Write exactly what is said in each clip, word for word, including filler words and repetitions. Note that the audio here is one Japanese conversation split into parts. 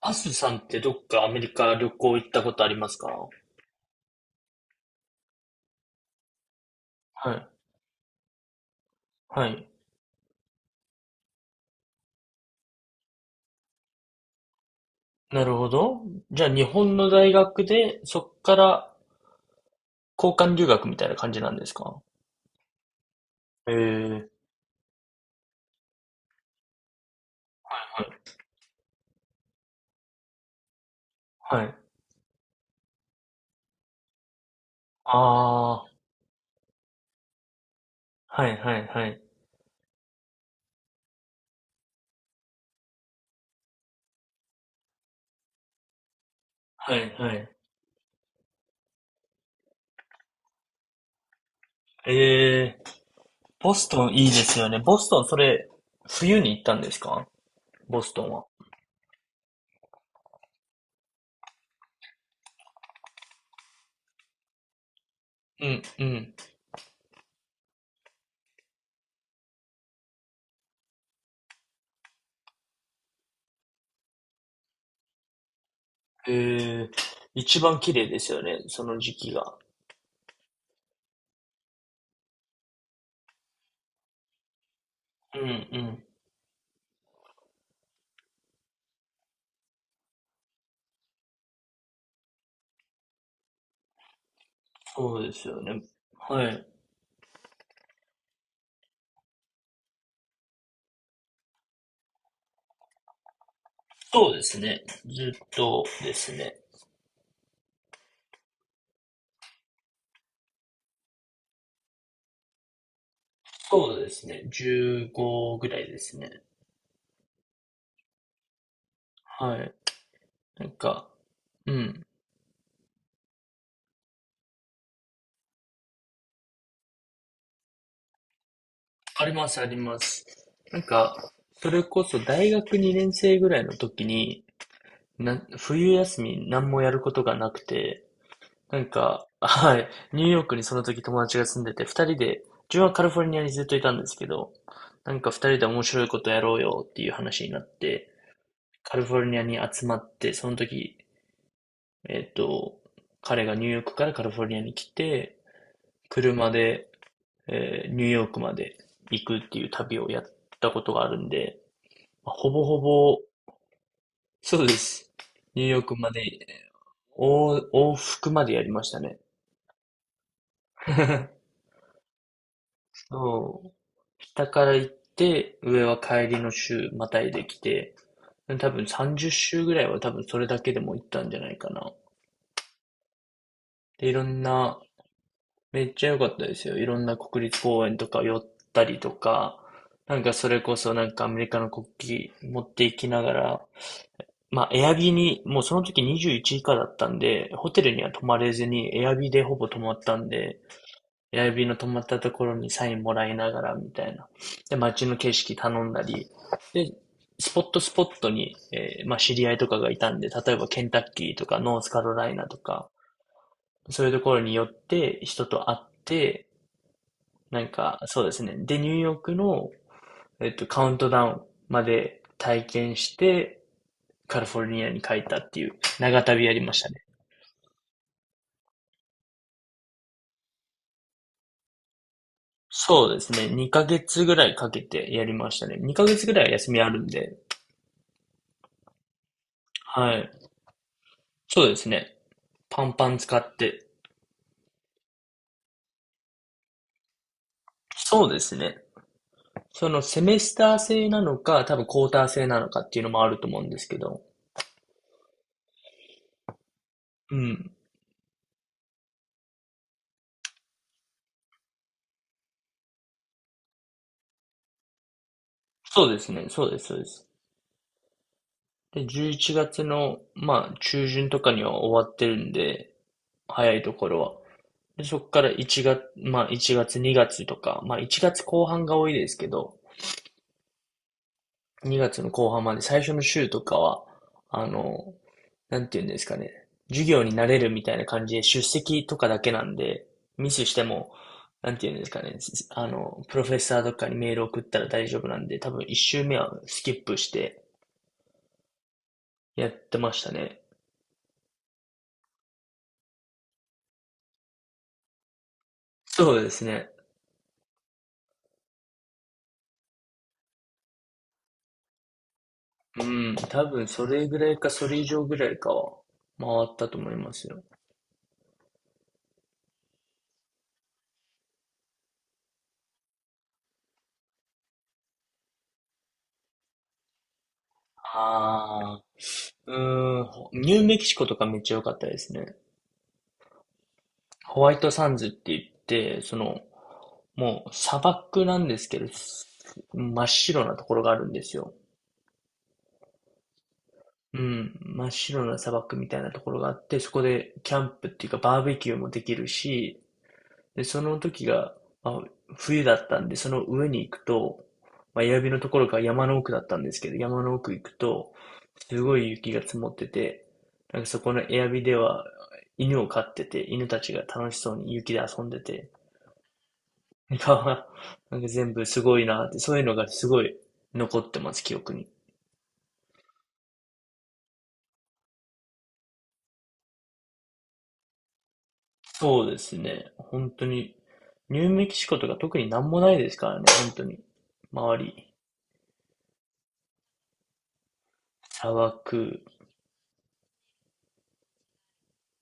アスさんってどっかアメリカ旅行行ったことありますか？はい。はい。なるほど。じゃあ、日本の大学で、そっから交換留学みたいな感じなんですか？ええー、はい。ああ、はいはいはい。はいはい。ええー、ボストンいいですよね。ボストン、それ、冬に行ったんですか？ボストンは。うんうん。ええ、一番綺麗ですよね、その時期が。うんうん。そうですよね。はい。そうですね。ずっとですね。そうですね。じゅうごぐらいですね。はい。なんか、うん。あります、あります。なんか、それこそ大学にねん生ぐらいの時に、な、冬休み何もやることがなくて、なんか、はい、ニューヨークにその時友達が住んでて、二人で、自分はカリフォルニアにずっといたんですけど、なんか二人で面白いことやろうよっていう話になって、カリフォルニアに集まって、その時えっと、彼がニューヨークからカリフォルニアに来て、車で、えーニューヨークまで行くっていう旅をやったことがあるんで、まあほぼほぼ、そうです。ニューヨークまで、往往復までやりましたね。そう。下から行って、上は帰りの週、またいできて、多分さんじゅう週ぐらいは多分それだけでも行ったんじゃないかな。で、いろんなめっちゃ良かったですよ。いろんな国立公園とか寄ったりとか、なんかそれこそなんかアメリカの国旗持っていきながら、まあエアビーに、もうその時にじゅういち以下だったんで、ホテルには泊まれずにエアビーでほぼ泊まったんで、エアビーの泊まったところにサインもらいながらみたいな。で、街の景色頼んだり、で、スポットスポットに、えーまあ知り合いとかがいたんで、例えばケンタッキーとかノースカロライナとか、そういうところに寄って人と会って、なんか、そうですね。で、ニューヨークの、えっと、カウントダウンまで体験して、カリフォルニアに帰ったっていう長旅やりましたね。そうですね。にかげつぐらいかけてやりましたね。にかげつぐらいは休みあるんで。はい。そうですね。パンパン使って。そうですね。そのセメスター制なのか、多分クォーター制なのかっていうのもあると思うんですけど。うん。そうですね。そうです、そうです。で、じゅういちがつの、まあ、中旬とかには終わってるんで、早いところは。で、そこからいちがつ、まあ、いちがつ、にがつとか、まあ、いちがつこう半が多いですけど、にがつの後半まで最初の週とかは、あの、なんていうんですかね、授業に慣れるみたいな感じで出席とかだけなんで、ミスしても、なんていうんですかね、あの、プロフェッサーとかにメール送ったら大丈夫なんで、多分いっ週目はスキップしてやってましたね。そうですね。うん、多分それぐらいか、それ以上ぐらいかは回ったと思いますよ。ああ、うーん、ほニューメキシコとかめっちゃ良かったですね。ホワイトサンズって言って、その、もう砂漠なんですけど、す真っ白なところがあるんですよ。うん、真っ白な砂漠みたいなところがあって、そこでキャンプっていうかバーベキューもできるし、で、その時が、まあ、冬だったんで、その上に行くと、まあ、指のところが山の奥だったんですけど、山の奥行くと、すごい雪が積もってて、なんかそこのエアビでは犬を飼ってて、犬たちが楽しそうに雪で遊んでて、なんか、なんか全部すごいなって、そういうのがすごい残ってます、記憶に。そうですね。本当に、ニューメキシコとか特になんもないですからね、本当に。周り、砂漠、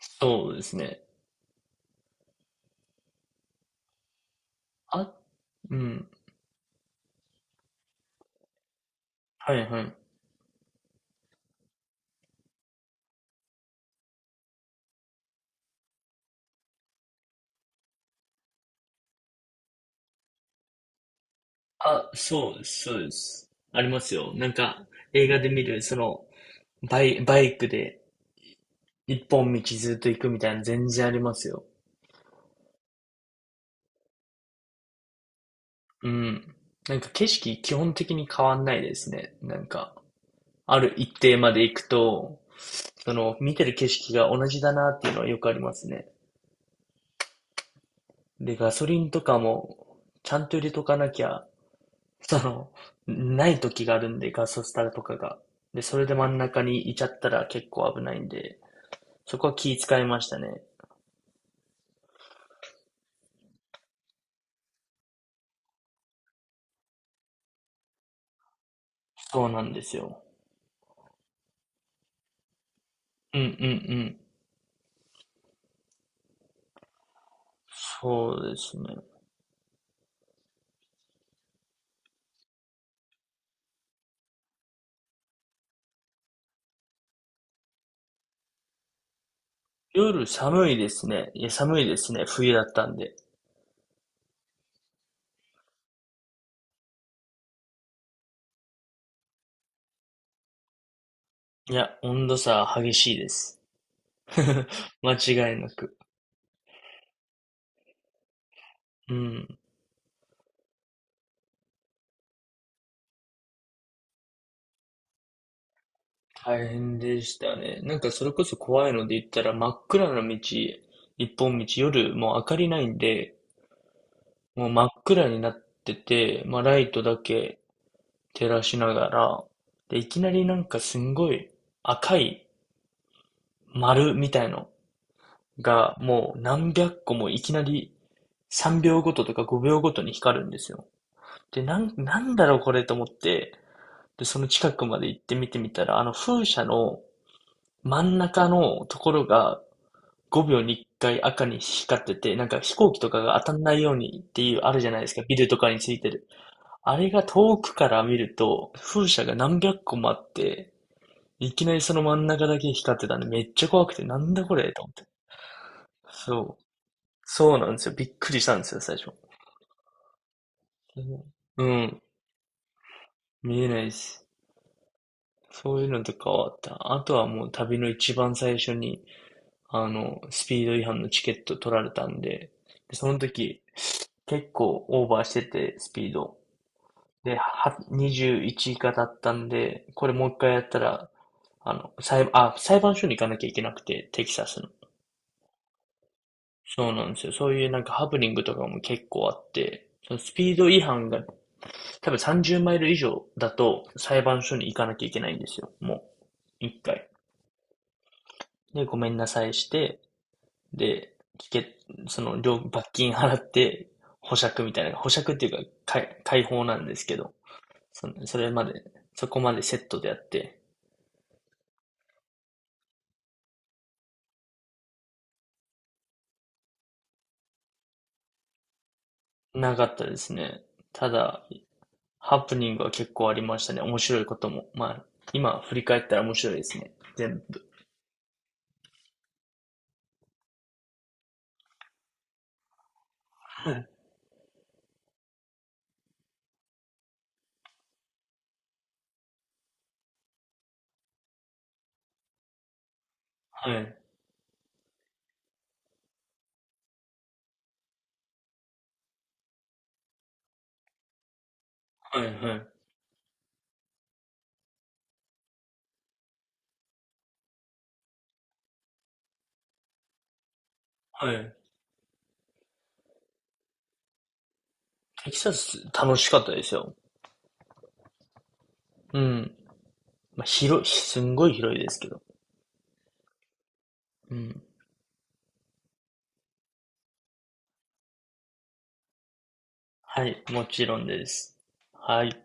そうですね。あうん。はいはい。あ、そうです、そうです。ありますよ。なんか、映画で見る、その、バイ、バイクで、一本道ずっと行くみたいな、全然ありますよ。うん。なんか景色基本的に変わんないですね。なんか、ある一定まで行くと、その、見てる景色が同じだなっていうのはよくありますね。で、ガソリンとかも、ちゃんと入れとかなきゃ、その、ない時があるんで、ガソスタとかが。で、それで真ん中にいちゃったら結構危ないんで、そこは気使いましたね。そうなんですよ。うんうんうん。そうですね。夜寒いですね。いや、寒いですね。冬だったんで。いや、温度差激しいです。間違いなく。うん。大変でしたね。なんかそれこそ怖いので言ったら真っ暗な道、一本道、夜もう明かりないんで、もう真っ暗になってて、まあ、ライトだけ照らしながら、で、いきなりなんかすんごい赤い丸みたいのがもう何百個もいきなりさんびょうごととかごびょうごとに光るんですよ。で、なん、なんだろうこれと思って、で、その近くまで行って見てみたら、あの風車の真ん中のところがごびょうにいっかい赤に光ってて、なんか飛行機とかが当たんないようにっていうあるじゃないですか、ビルとかについてる。あれが遠くから見ると、風車が何百個もあって、いきなりその真ん中だけ光ってたんで、めっちゃ怖くて、なんだこれと思って。そう。そうなんですよ。びっくりしたんですよ、最初。うん。見えないし。そういうのとかはあった。あとはもう旅の一番最初に、あの、スピード違反のチケット取られたんで、でその時、結構オーバーしてて、スピード。で、は、にじゅういちがだったんで、これもう一回やったら、あの、裁、あ、裁判所に行かなきゃいけなくて、テキサスの。そうなんですよ。そういうなんかハプニングとかも結構あって、そのスピード違反が多分さんじゅうマイル以上だと裁判所に行かなきゃいけないんですよ。もう、一回。で、ごめんなさいして、で、聞け、その、料罰金払って、保釈みたいな、保釈っていうか、解、解放なんですけど、その、それまで、そこまでセットでやって、なかったですね。ただ、ハプニングは結構ありましたね。面白いことも。まあ、今振り返ったら面白いですね。全部。はい。はい。はい。はい。はい。テキサス楽しかったですよ。うん。まあ、広い、すんごい広いですけど。うん。はい。もちろんです。はい。